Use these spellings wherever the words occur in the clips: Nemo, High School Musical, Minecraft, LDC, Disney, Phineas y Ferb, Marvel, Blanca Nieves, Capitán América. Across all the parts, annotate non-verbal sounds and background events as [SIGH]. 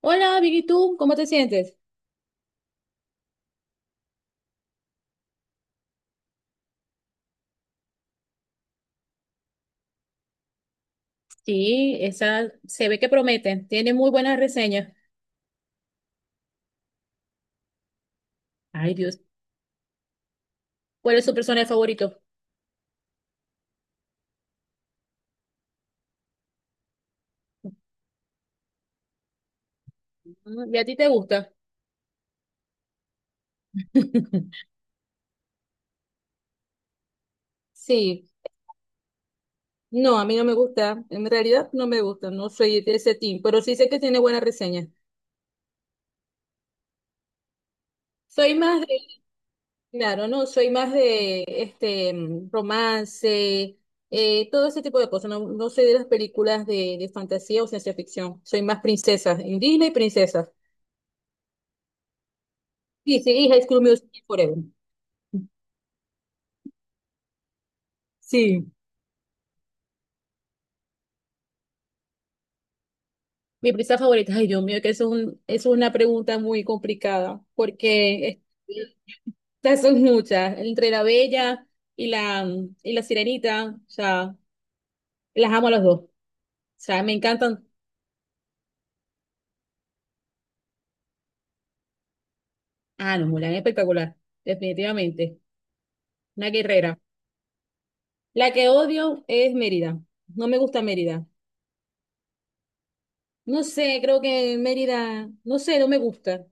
Hola, bien, ¿y tú? ¿Cómo te sientes? Sí, esa se ve que promete, tiene muy buenas reseñas. Ay, Dios, ¿cuál es su personaje favorito? Mm, ¿y a ti te gusta? [LAUGHS] Sí, no, a mí no me gusta, en realidad no me gusta, no soy de ese team, pero sí sé que tiene buenas reseñas. Soy más de, claro, no, soy más de romance, todo ese tipo de cosas, no, no soy de las películas de fantasía o ciencia ficción, soy más princesas, en Disney princesas. Sí, sí, y High School Musical Forever. Sí. Mi prisa favorita, ay Dios mío, es una pregunta muy complicada, porque estas son muchas, entre la Bella y la, y la Sirenita, o sea, las amo a las dos, o sea, me encantan. Ah, no, Mulan es espectacular, definitivamente, una guerrera. La que odio es Mérida, no me gusta Mérida, no sé, creo que Mérida, no sé, no me gusta.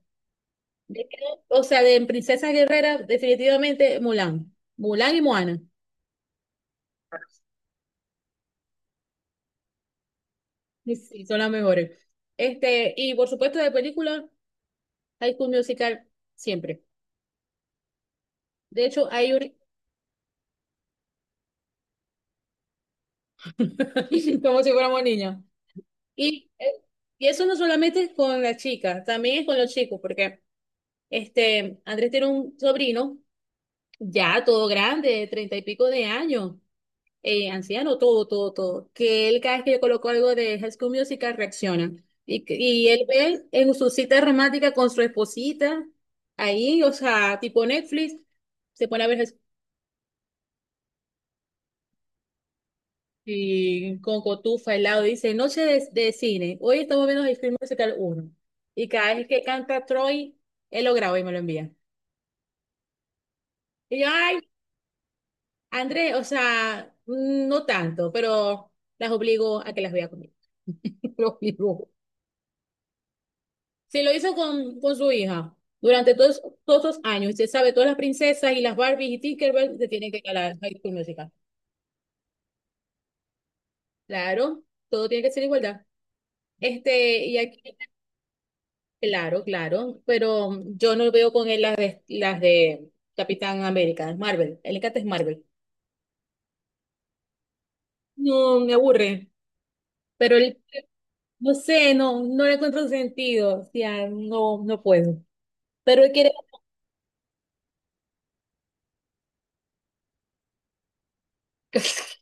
De- O sea, de princesa guerrera, definitivamente Mulan, Mulan y Moana. Sí, sí, son las mejores. Este, y por supuesto de película, High School Musical siempre. De hecho, hay un... [LAUGHS] como si fuéramos niños. Y, eh, y eso no solamente es con las chicas, también es con los chicos, porque este, Andrés tiene un sobrino ya todo grande, de treinta y pico de años. Anciano, todo, todo, todo, que él cada vez que yo coloco algo de High School Musical reacciona. Y él ve en su cita romántica con su esposita, ahí, o sea, tipo Netflix, se pone a ver y con cotufa al lado, dice, noche de cine, hoy estamos viendo High School Musical uno. Y cada vez que canta Troy, él lo graba y me lo envía. Y yo, ay, Andrés, o sea, no tanto, pero las obligo a que las vea conmigo. [LAUGHS] Los obligo. Sí, lo hizo con su hija durante todos esos años. Usted sabe, todas las princesas y las Barbies y Tinkerbell se tienen que ir a la High School Musical. Claro, todo tiene que ser igualdad. Este, y aquí, claro, claro, pero yo no veo con él las de Capitán América, Marvel. Él le encanta es Marvel. No, me aburre, pero él, no sé, no, no le encuentro sentido. O sea, no, no puedo. Pero él quiere. [LAUGHS]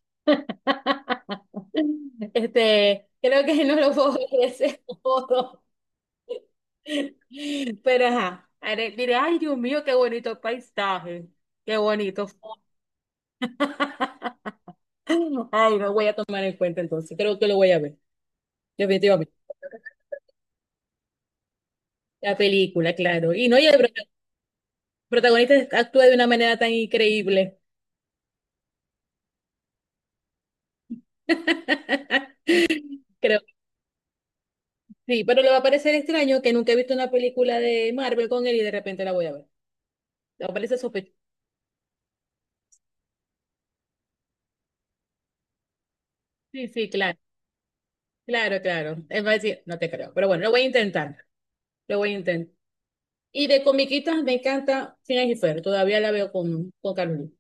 Este, creo que no lo puedo ver de ese modo. [LAUGHS] Pero ajá, diré, ay Dios mío, qué bonito paisaje, qué bonito. [LAUGHS] Ay, lo voy a tomar en cuenta entonces, creo que lo voy a ver, definitivamente. La película, claro. Y no, y el protagonista actúa de una manera tan increíble. [LAUGHS] Creo que sí, pero le va a parecer extraño que nunca he visto una película de Marvel con él y de repente la voy a ver. O parece sospechoso. Sí, sí, claro, claro, claro. Él va a decir, no te creo. Pero bueno, lo voy a intentar. Lo voy a intentar. Y de comiquitas me encanta Phineas y Ferb. Todavía la veo con Carmen.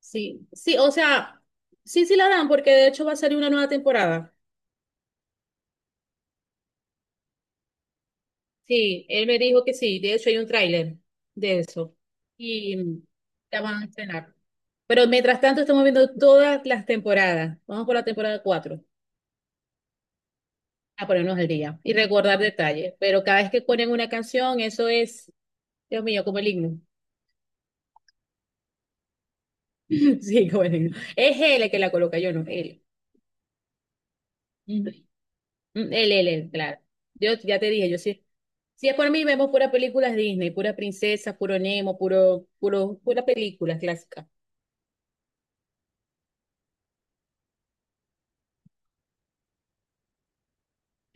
Sí, sí, o sea, sí, sí la dan, porque de hecho va a salir una nueva temporada. Sí, él me dijo que sí. De hecho, hay un tráiler de eso. Y mm, la van a estrenar. Pero mientras tanto, estamos viendo todas las temporadas. Vamos por la temporada 4 a ponernos al día y recordar detalles. Pero cada vez que ponen una canción, eso es Dios mío, como el himno. [LAUGHS] Sí, como el himno. Es él el que la coloca, yo no, él. Ujú. Mm, él, claro. Yo ya te dije, yo sí. Si es por mí, vemos puras películas Disney, pura princesa, puro Nemo, puro, puro, pura película clásica.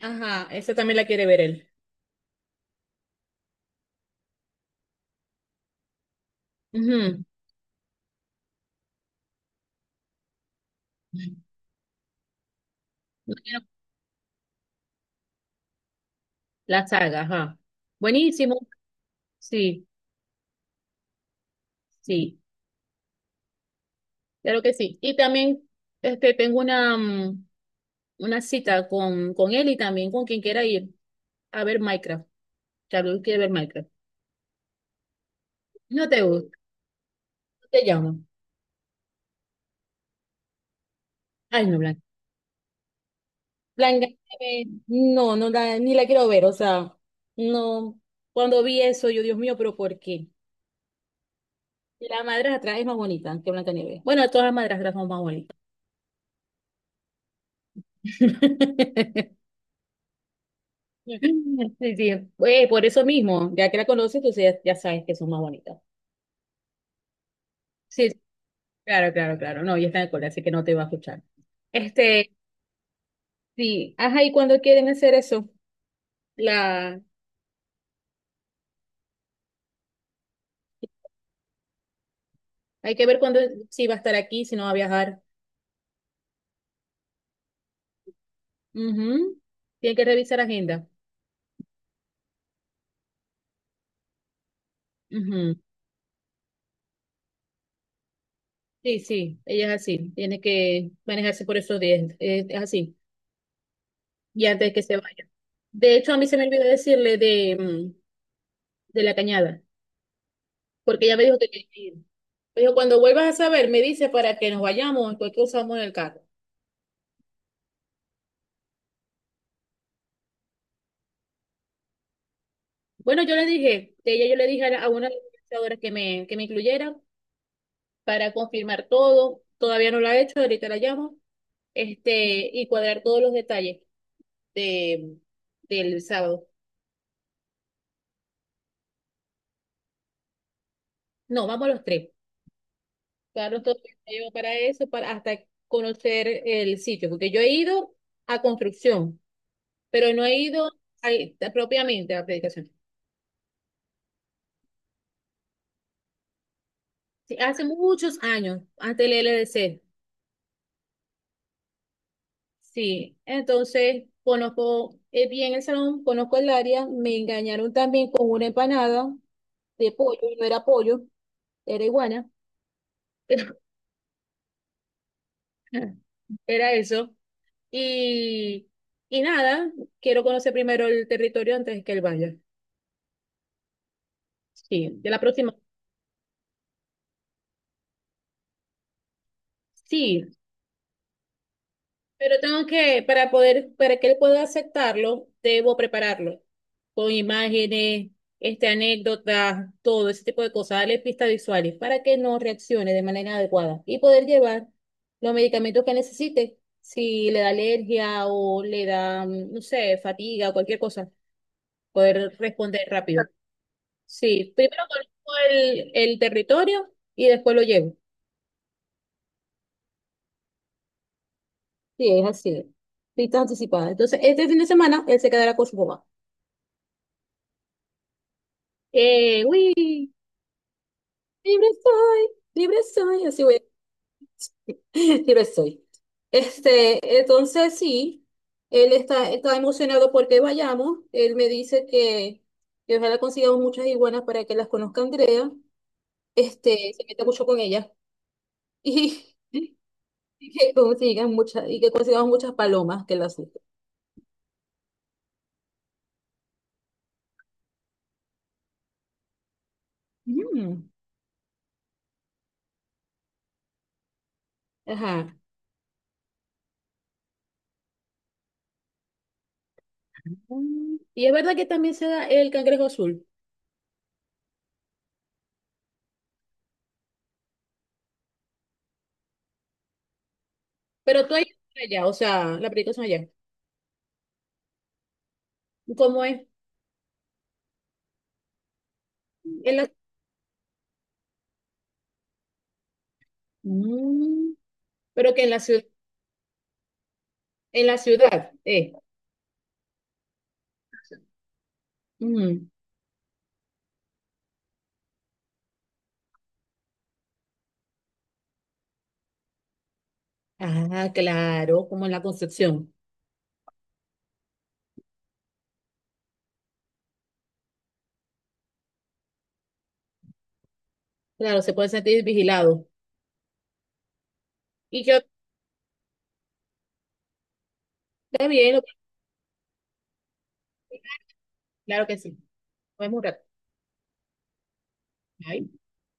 Ajá, esa también la quiere ver él. Ujú. No quiero- La saga, ajá. Buenísimo. Sí, sí, claro que sí. Y también este, tengo una, una cita con él y también con quien quiera ir a ver Minecraft. Charlie quiere ver Minecraft. No te gusta. Te llamo. Ay, no, Blanca. Blanca, no, ni la quiero ver. O sea, no. Cuando vi eso, yo, Dios mío, pero ¿por qué? La madrastra es más bonita que Blanca Nieves. Bueno, todas las madrastras son más bonitas. [LAUGHS] Sí, sí. Por eso mismo, ya que la conoces, tú ya, ya sabes que son más bonitas. Sí, sí, claro, claro, claro. No, ya está en el cole, así que no te va a escuchar. Este, sí. Ajá, ¿y cuando quieren hacer eso? La, hay que ver cuándo, si va a estar aquí, si no va a viajar. Ujú. Tiene que revisar agenda. Ujú. Sí, sí, ella es así. Tiene que manejarse por esos días. Es así. Y antes de que se vaya. De hecho, a mí se me olvidó decirle de la cañada, porque ella me dijo que tenía que ir. Me dijo, cuando vuelvas a saber, me dice para que nos vayamos, porque usamos en el carro. Bueno, yo le dije, de ella yo le dije a una de las organizadoras que me incluyera para confirmar todo. Todavía no lo ha hecho, ahorita la llamo. Este, y cuadrar todos los detalles de, del sábado. No, vamos los tres. Claro, todo me llevo para eso, para hasta conocer el sitio, porque yo he ido a construcción, pero no he ido propiamente a la predicación. Sí, hace muchos años, antes del LDC. Sí, entonces conozco bien el salón, conozco el área, me engañaron también con una empanada de pollo, y no era pollo, era iguana, pero [LAUGHS] era eso. Y, y nada, quiero conocer primero el territorio antes que el vaya. Sí, de la próxima. Sí, pero tengo que, para poder, para que él pueda aceptarlo, debo prepararlo con imágenes, este, anécdotas, todo ese tipo de cosas, darle pistas visuales para que no reaccione de manera adecuada y poder llevar los medicamentos que necesite. Si le da alergia o le da, no sé, fatiga o cualquier cosa, poder responder rápido. Sí, primero conozco el territorio y después lo llevo. Sí, es así. Citas anticipadas. Entonces, este fin de semana él se quedará con su mamá. Eh, uy, Libre soy, libre soy, así voy. [LAUGHS] Libre soy. Este, entonces sí, está emocionado porque vayamos. Él me dice que ojalá consigamos muchas iguanas para que las conozca Andrea. Este, se meta mucho con ella. Y, [LAUGHS] y que consigan muchas, y que consigamos muchas palomas que las. Mm. Ajá. Mm, y es verdad que también se da el cangrejo azul. Pero tú ahí allá, o sea, la película es allá. ¿Cómo es? En la... Mm, pero que en la ciudad, eh. Mm. Ah, claro, como en la Concepción. Claro, se puede sentir vigilado. Y yo, está bien, claro que sí. Vamos un rato. Ay.